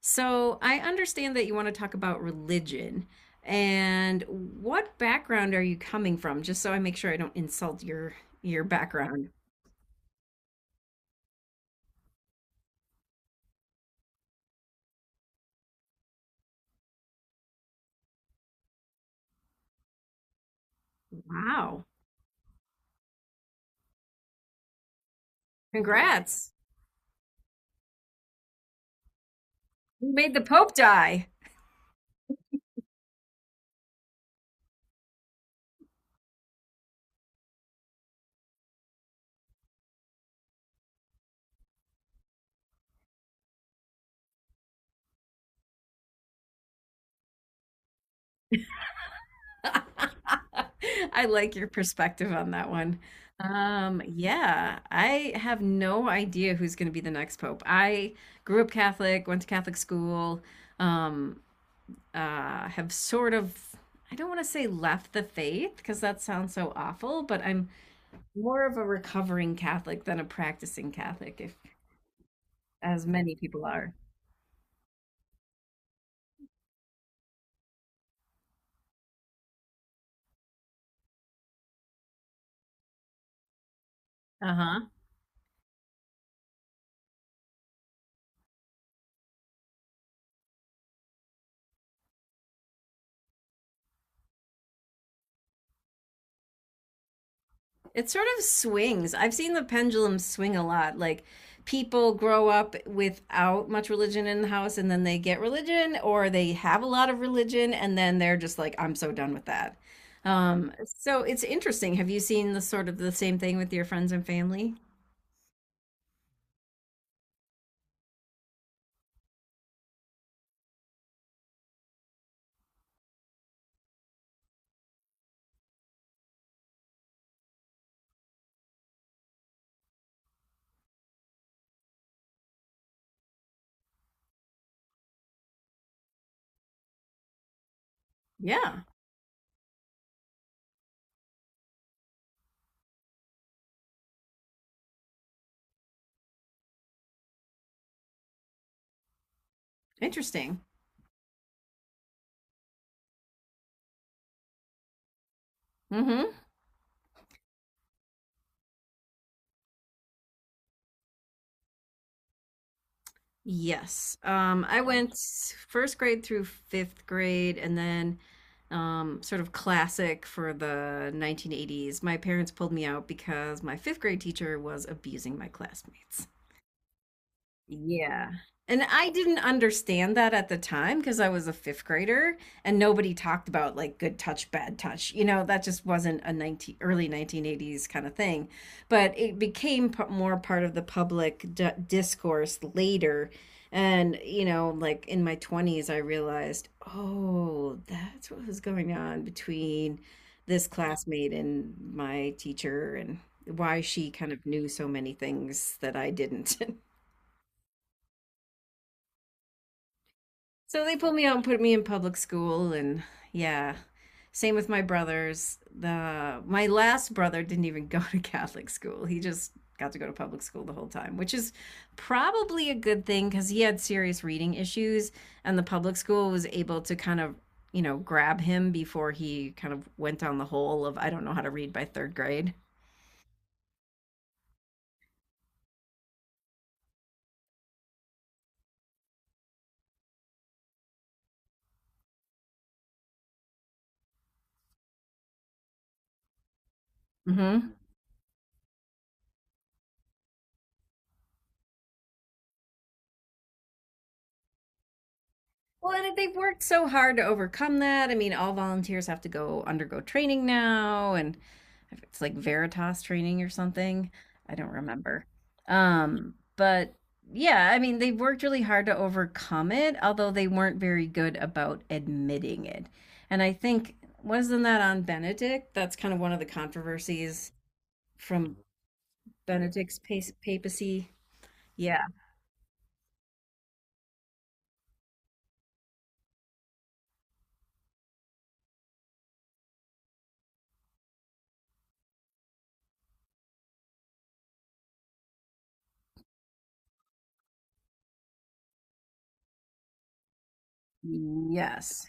So I understand that you want to talk about religion. And what background are you coming from? Just so I make sure I don't insult your background. Wow. Congrats. You made the Pope die. I like your perspective on that one. Yeah, I have no idea who's going to be the next pope. I grew up Catholic, went to Catholic school, um, have sort of, I don't want to say left the faith because that sounds so awful, but I'm more of a recovering Catholic than a practicing Catholic, if as many people are. Uh huh. It sort of swings. I've seen the pendulum swing a lot. Like people grow up without much religion in the house and then they get religion or they have a lot of religion and then they're just like, I'm so done with that. So it's interesting. Have you seen the sort of the same thing with your friends and family? Yeah, interesting. Hmm. Yes. I right, went first grade through fifth grade and then sort of classic for the 1980s. My parents pulled me out because my fifth grade teacher was abusing my classmates. Yeah. And I didn't understand that at the time because I was a fifth grader and nobody talked about like good touch, bad touch. You know, that just wasn't a 19, early 1980s kind of thing. But it became more part of the public d discourse later. And, you know, like in my 20s, I realized, oh, that's what was going on between this classmate and my teacher and why she kind of knew so many things that I didn't. So they pulled me out and put me in public school, and yeah, same with my brothers. The my last brother didn't even go to Catholic school. He just got to go to public school the whole time, which is probably a good thing because he had serious reading issues, and the public school was able to kind of you know grab him before he kind of went down the hole of I don't know how to read by third grade. Hmm. Well, and they've worked so hard to overcome that. I mean, all volunteers have to go undergo training now, and it's like Veritas training or something. I don't remember. But yeah, I mean, they've worked really hard to overcome it, although they weren't very good about admitting it. And I think, wasn't that on Benedict? That's kind of one of the controversies from Benedict's papacy. Yeah. Yes.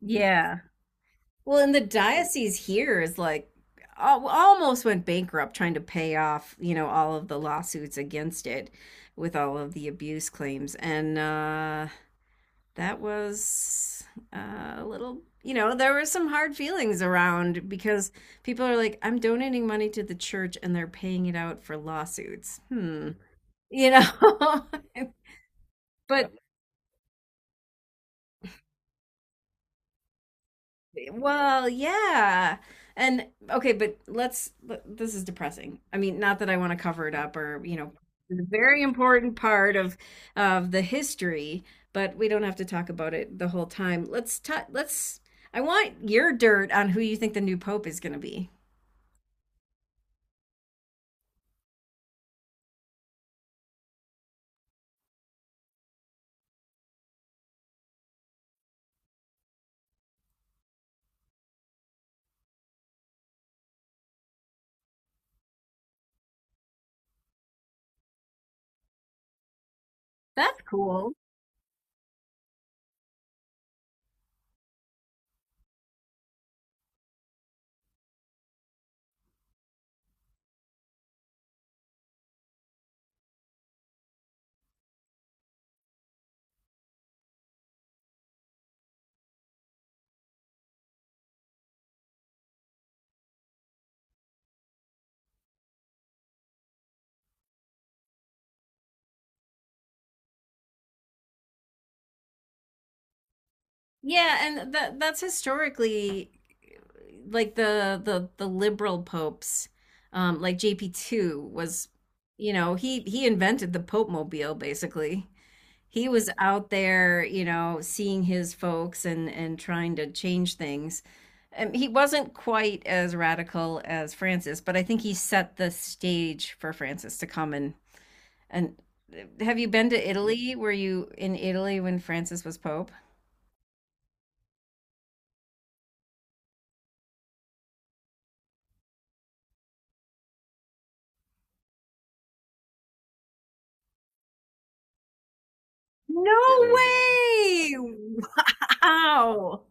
Yeah. Well, and the diocese here is like almost went bankrupt trying to pay off, you know, all of the lawsuits against it with all of the abuse claims. And that was a little, you know, there were some hard feelings around because people are like, I'm donating money to the church and they're paying it out for lawsuits. Hmm. You know, but Well, yeah. And okay, but this is depressing. I mean, not that I want to cover it up or, you know, it's a very important part of the history, but we don't have to talk about it the whole time. Let's I want your dirt on who you think the new pope is going to be. That's cool. Yeah, and that that's historically like the liberal popes, like JP two was, you know, he invented the Pope Mobile basically. He was out there, you know, seeing his folks and trying to change things. He wasn't quite as radical as Francis, but I think he set the stage for Francis to come and have you been to Italy? Were you in Italy when Francis was Pope? No, yeah, way! Wow.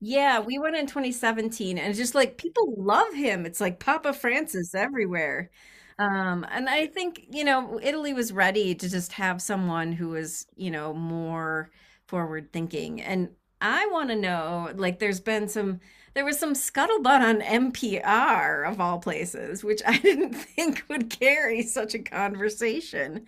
Yeah, we went in 2017 and it's just like people love him. It's like Papa Francis everywhere. And I think, you know, Italy was ready to just have someone who was, you know, more forward thinking. And I want to know, like, there was some scuttlebutt on NPR of all places, which I didn't think would carry such a conversation.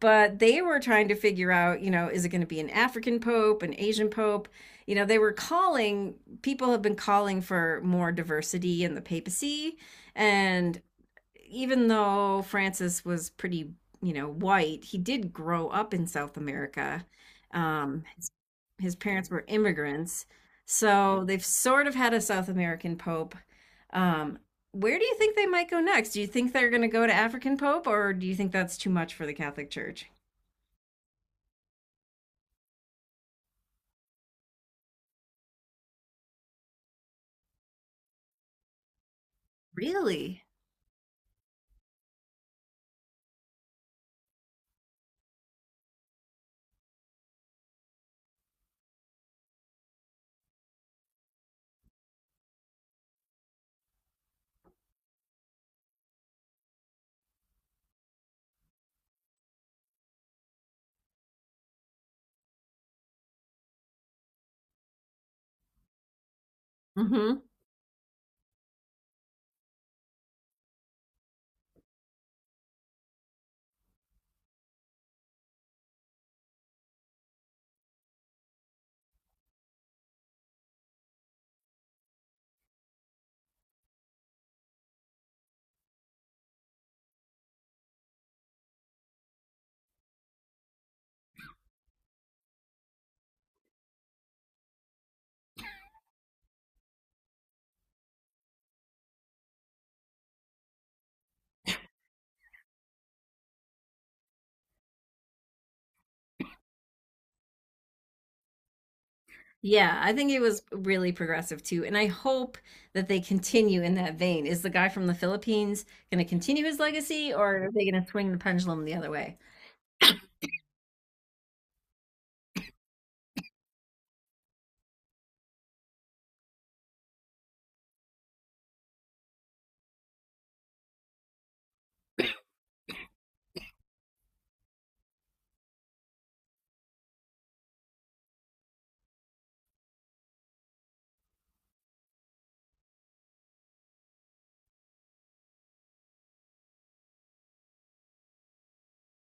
But they were trying to figure out, you know, is it going to be an African pope, an Asian pope? You know, they were calling, people have been calling for more diversity in the papacy. And even though Francis was pretty, you know, white, he did grow up in South America. Um, his, his parents were immigrants. So they've sort of had a South American pope. Um, where do you think they might go next? Do you think they're going to go to African pope, or do you think that's too much for the Catholic Church? Really? Hmm. Yeah, I think it was really progressive too. And I hope that they continue in that vein. Is the guy from the Philippines going to continue his legacy or are they going to swing the pendulum the other way?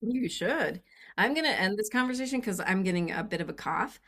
You should. I'm going to end this conversation because I'm getting a bit of a cough.